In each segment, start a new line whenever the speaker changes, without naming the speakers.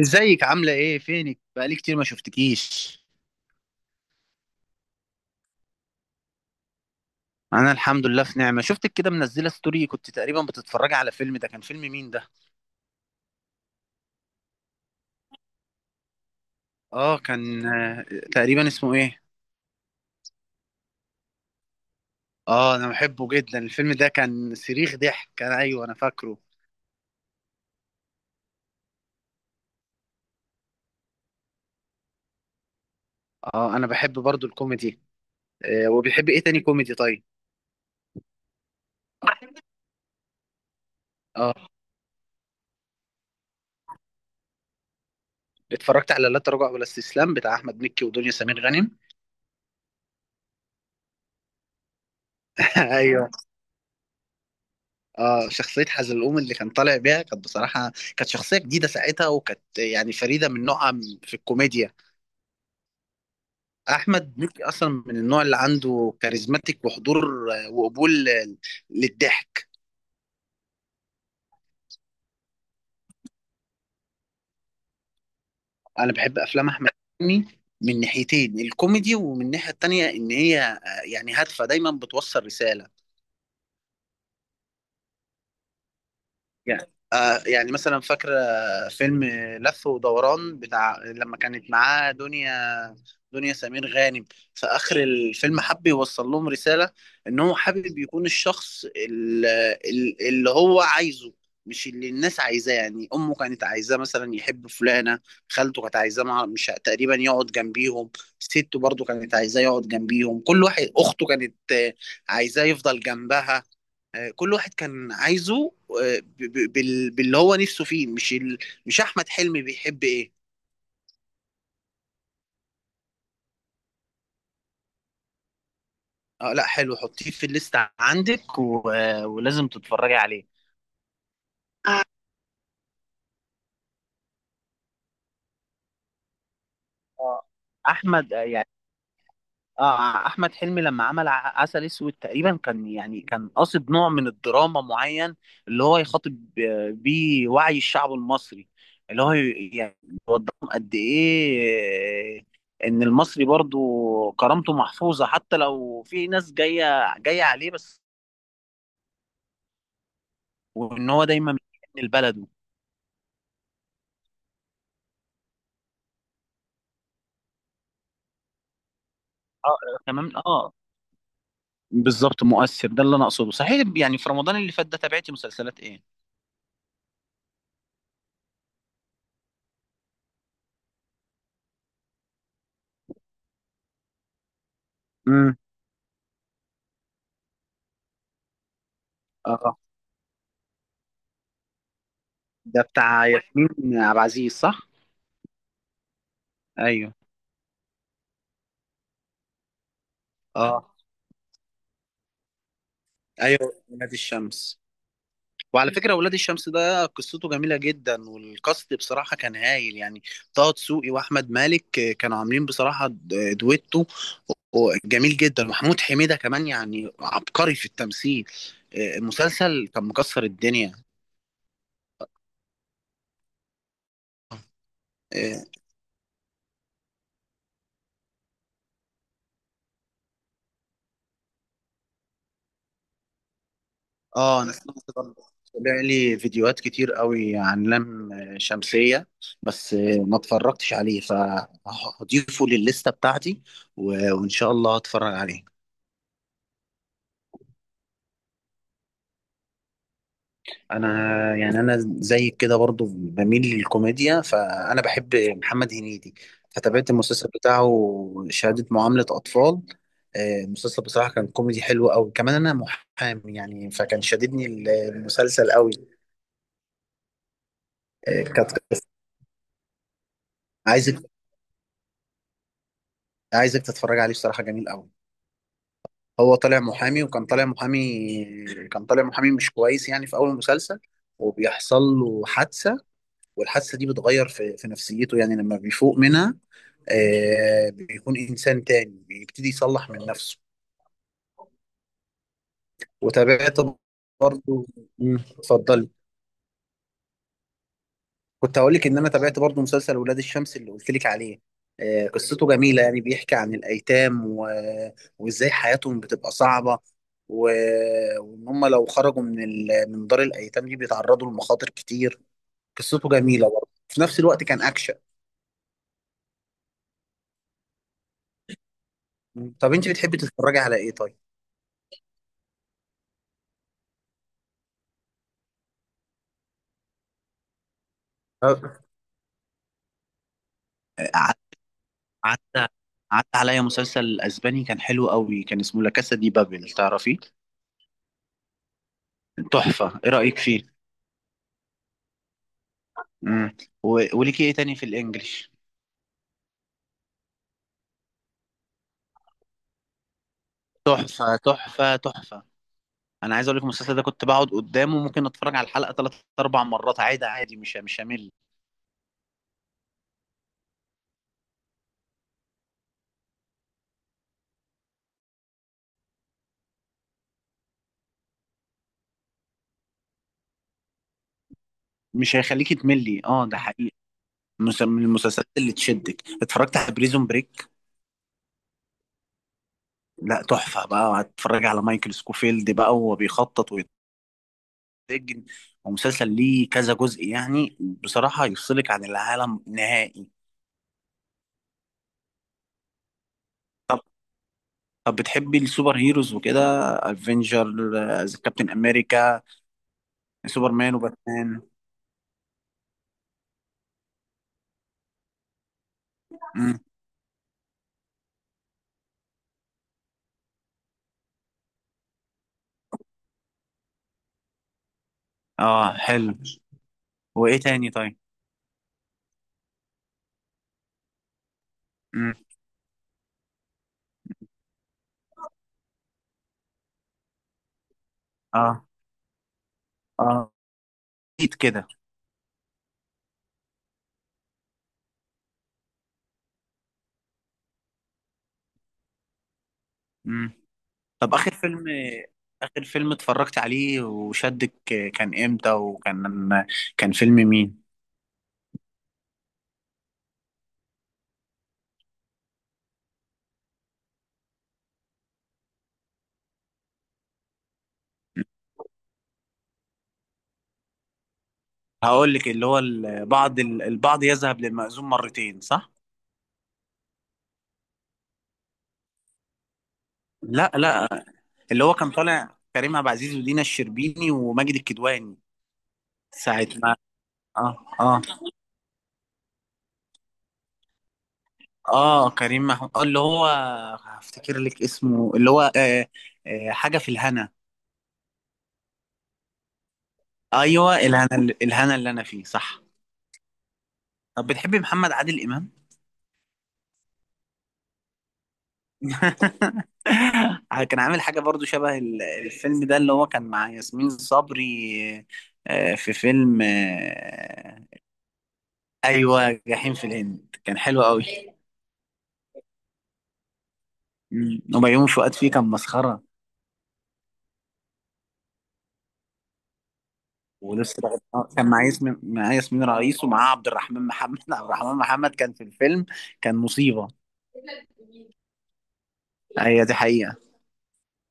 ازيك؟ عاملة ايه؟ فينك بقالي كتير ما شفتكيش. انا الحمد لله في نعمة. شفتك كده منزلة ستوري، كنت تقريبا بتتفرجي على فيلم، ده كان فيلم مين ده؟ اه كان، تقريبا اسمه ايه؟ اه انا بحبه جدا الفيلم ده، كان صريخ ضحك، كان ايوه انا فاكره. اه انا بحب برضو الكوميدي. آه، وبيحب ايه تاني كوميدي طيب؟ اه اتفرجت على لا تراجع ولا استسلام بتاع احمد مكي ودنيا سمير غانم. ايوه. اه شخصية حزلقوم اللي كان طالع بيها كانت بصراحة كانت شخصية جديدة ساعتها، وكانت يعني فريدة من نوعها في الكوميديا. أحمد مكي أصلا من النوع اللي عنده كاريزماتيك وحضور وقبول للضحك. أنا بحب أفلام أحمد مكي من ناحيتين: الكوميدي، ومن الناحية التانية إن هي يعني هادفة دايما بتوصل رسالة. يعني يعني مثلا فاكرة فيلم لف ودوران بتاع لما كانت معاه دنيا سمير غانم، في آخر الفيلم حب يوصل لهم رسالة إن هو حابب يكون الشخص اللي هو عايزه، مش اللي الناس عايزاه. يعني أمه كانت عايزاه مثلا يحب فلانة، خالته كانت عايزاه مش تقريبا يقعد جنبيهم، سته برضو كانت عايزاه يقعد جنبيهم، كل واحد. أخته كانت عايزاه يفضل جنبها. كل واحد كان عايزه باللي هو نفسه فيه، مش مش أحمد حلمي بيحب إيه. اه لا حلو، حطيه في الليست عندك، و... ولازم تتفرجي عليه. اه احمد، يعني اه احمد حلمي لما عمل عسل اسود تقريبا كان يعني كان قاصد نوع من الدراما معين، اللي هو يخاطب بيه وعي الشعب المصري، اللي هو يعني يوضحهم قد ايه ان المصري برضو كرامته محفوظة حتى لو في ناس جاية عليه، بس. وان هو دايما من لبلده. اه تمام اه، بالظبط مؤثر، ده اللي انا اقصده صحيح. يعني في رمضان اللي فات ده تابعتي مسلسلات ايه؟ امم، اه ده بتاع ياسمين عبد العزيز، صح؟ ايوه. اه ايوه ولاد الشمس، وعلى فكرة ولاد الشمس ده قصته جميلة جدا، والكاست بصراحة كان هايل يعني. طه دسوقي وأحمد مالك كانوا عاملين بصراحة دويتو و- جميل جدا. محمود حميدة كمان يعني عبقري في التمثيل. المسلسل كان مكسر الدنيا. آه، اه انا سمعت برضه، طلع لي فيديوهات كتير قوي عن لم شمسية، بس ما اتفرجتش عليه، فهضيفه للستة بتاعتي، وان شاء الله هتفرج عليه. انا يعني انا زي كده برضو بميل للكوميديا، فانا بحب محمد هنيدي، فتابعت المسلسل بتاعه شهادة معاملة اطفال. المسلسل بصراحة كان كوميدي حلو قوي، كمان انا محامي يعني، فكان شاددني المسلسل قوي. كانت عايزك عايزك تتفرج عليه، الصراحة جميل قوي. هو طالع محامي، وكان طالع محامي، كان طالع محامي مش كويس يعني في أول المسلسل، وبيحصل له حادثة، والحادثة دي بتغير في نفسيته يعني، لما بيفوق منها آه بيكون إنسان تاني، بيبتدي يصلح من نفسه. وتابعت برضه. مم. اتفضل. كنت هقول لك ان انا تابعت برضو مسلسل ولاد الشمس اللي قلت لك عليه. قصته جميله يعني، بيحكي عن الايتام، و... وازاي حياتهم بتبقى صعبه، و... وان هم لو خرجوا من من دار الايتام دي بيتعرضوا لمخاطر كتير. قصته جميله، برضو في نفس الوقت كان اكشن. طب انت بتحبي تتفرجي على ايه طيب؟ آه، ع- عدى عدى عليا مسلسل اسباني كان حلو قوي، كان اسمه لا كاسا دي بابل، تعرفيه؟ تحفه، ايه رايك فيه؟ امم. و... وليكي ايه تاني في الانجليش؟ تحفة. انا عايز اقول لك المسلسل ده كنت بقعد قدامه، ممكن اتفرج على الحلقة ثلاث اربع مرات عادي، عادي، مش همل. مش هيخليكي تملي، اه ده حقيقي. من المسلسلات اللي تشدك، اتفرجت على بريزون بريك؟ لا تحفة بقى، هتتفرج على مايكل سكوفيلد بقى وهو بيخطط ويتسجن، ومسلسل ليه كذا جزء يعني، بصراحة يفصلك عن العالم نهائي. طب طب بتحبي السوبر هيروز وكده؟ افنجر، كابتن امريكا، سوبرمان وباتمان. مم. اه حلو. وايه تاني طيب؟ امم، اه اه، اكيد كده. امم. طب اخر فيلم، اخر فيلم اتفرجت عليه وشدك كان امتى؟ وكان كان فيلم مين؟ هقول لك اللي هو البعض يذهب للمأذون مرتين، صح؟ لا لا اللي هو كان طالع كريم عبد العزيز ودينا الشربيني وماجد الكدواني ساعة ما، اه اه. اه كريم محمود، اللي هو هفتكر لك اسمه اللي هو حاجة في الهنا. ايوه، الهنا، الهنا اللي انا فيه، صح. طب بتحبي محمد عادل امام؟ كان عامل حاجه برضو شبه الفيلم ده اللي هو كان مع ياسمين صبري، في فيلم. ايوه جحيم في الهند كان حلو قوي. مم. وبيومي فؤاد فيه كان مسخره. ولسه بقى- آه، كان مع ياسمين رئيس، ومعاه عبد الرحمن محمد. عبد الرحمن محمد كان في الفيلم، كان مصيبه. هي دي حقيقه.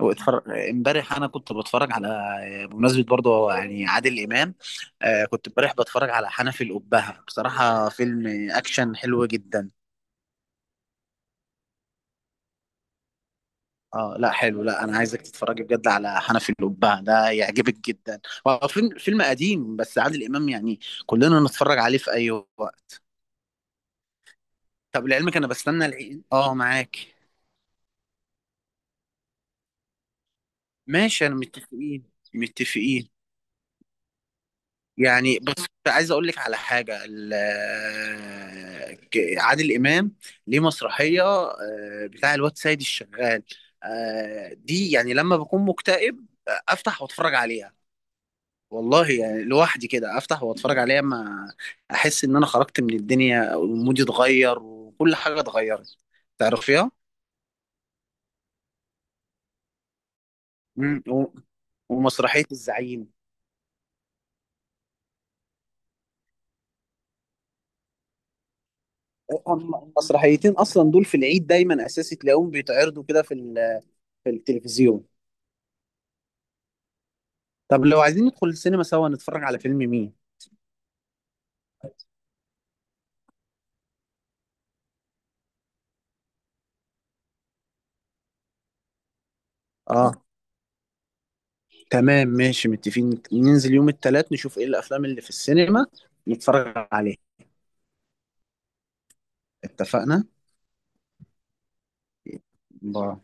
واتفرج، امبارح انا كنت بتفرج على، بمناسبه برضه يعني عادل امام، آه كنت امبارح بتفرج على حنفي الأبهة، بصراحه فيلم اكشن حلو جدا. اه لا حلو، لا انا عايزك تتفرجي بجد على حنفي الأبهة ده، يعجبك جدا. هو فيلم قديم بس عادل امام يعني، كلنا نتفرج عليه في اي وقت. طب لعلمك انا بستنى العيد اه معاك. ماشي انا متفقين. متفقين. يعني بص عايز اقول لك على حاجه، عادل امام ليه مسرحيه، بتاع الواد سيد الشغال دي، يعني لما بكون مكتئب افتح واتفرج عليها، والله يعني لوحدي كده افتح واتفرج عليها، ما احس ان انا خرجت من الدنيا، ومودي اتغير، وكل حاجه اتغيرت. تعرفيها؟ مم. ومسرحية الزعيم. المسرحيتين أصلا دول في العيد دايما أساسي تلاقيهم بيتعرضوا كده في في التلفزيون. طب لو عايزين ندخل السينما سوا نتفرج على فيلم مين؟ اه تمام ماشي متفقين، ننزل يوم التلات نشوف ايه الافلام اللي في السينما نتفرج عليها. اتفقنا؟ باي.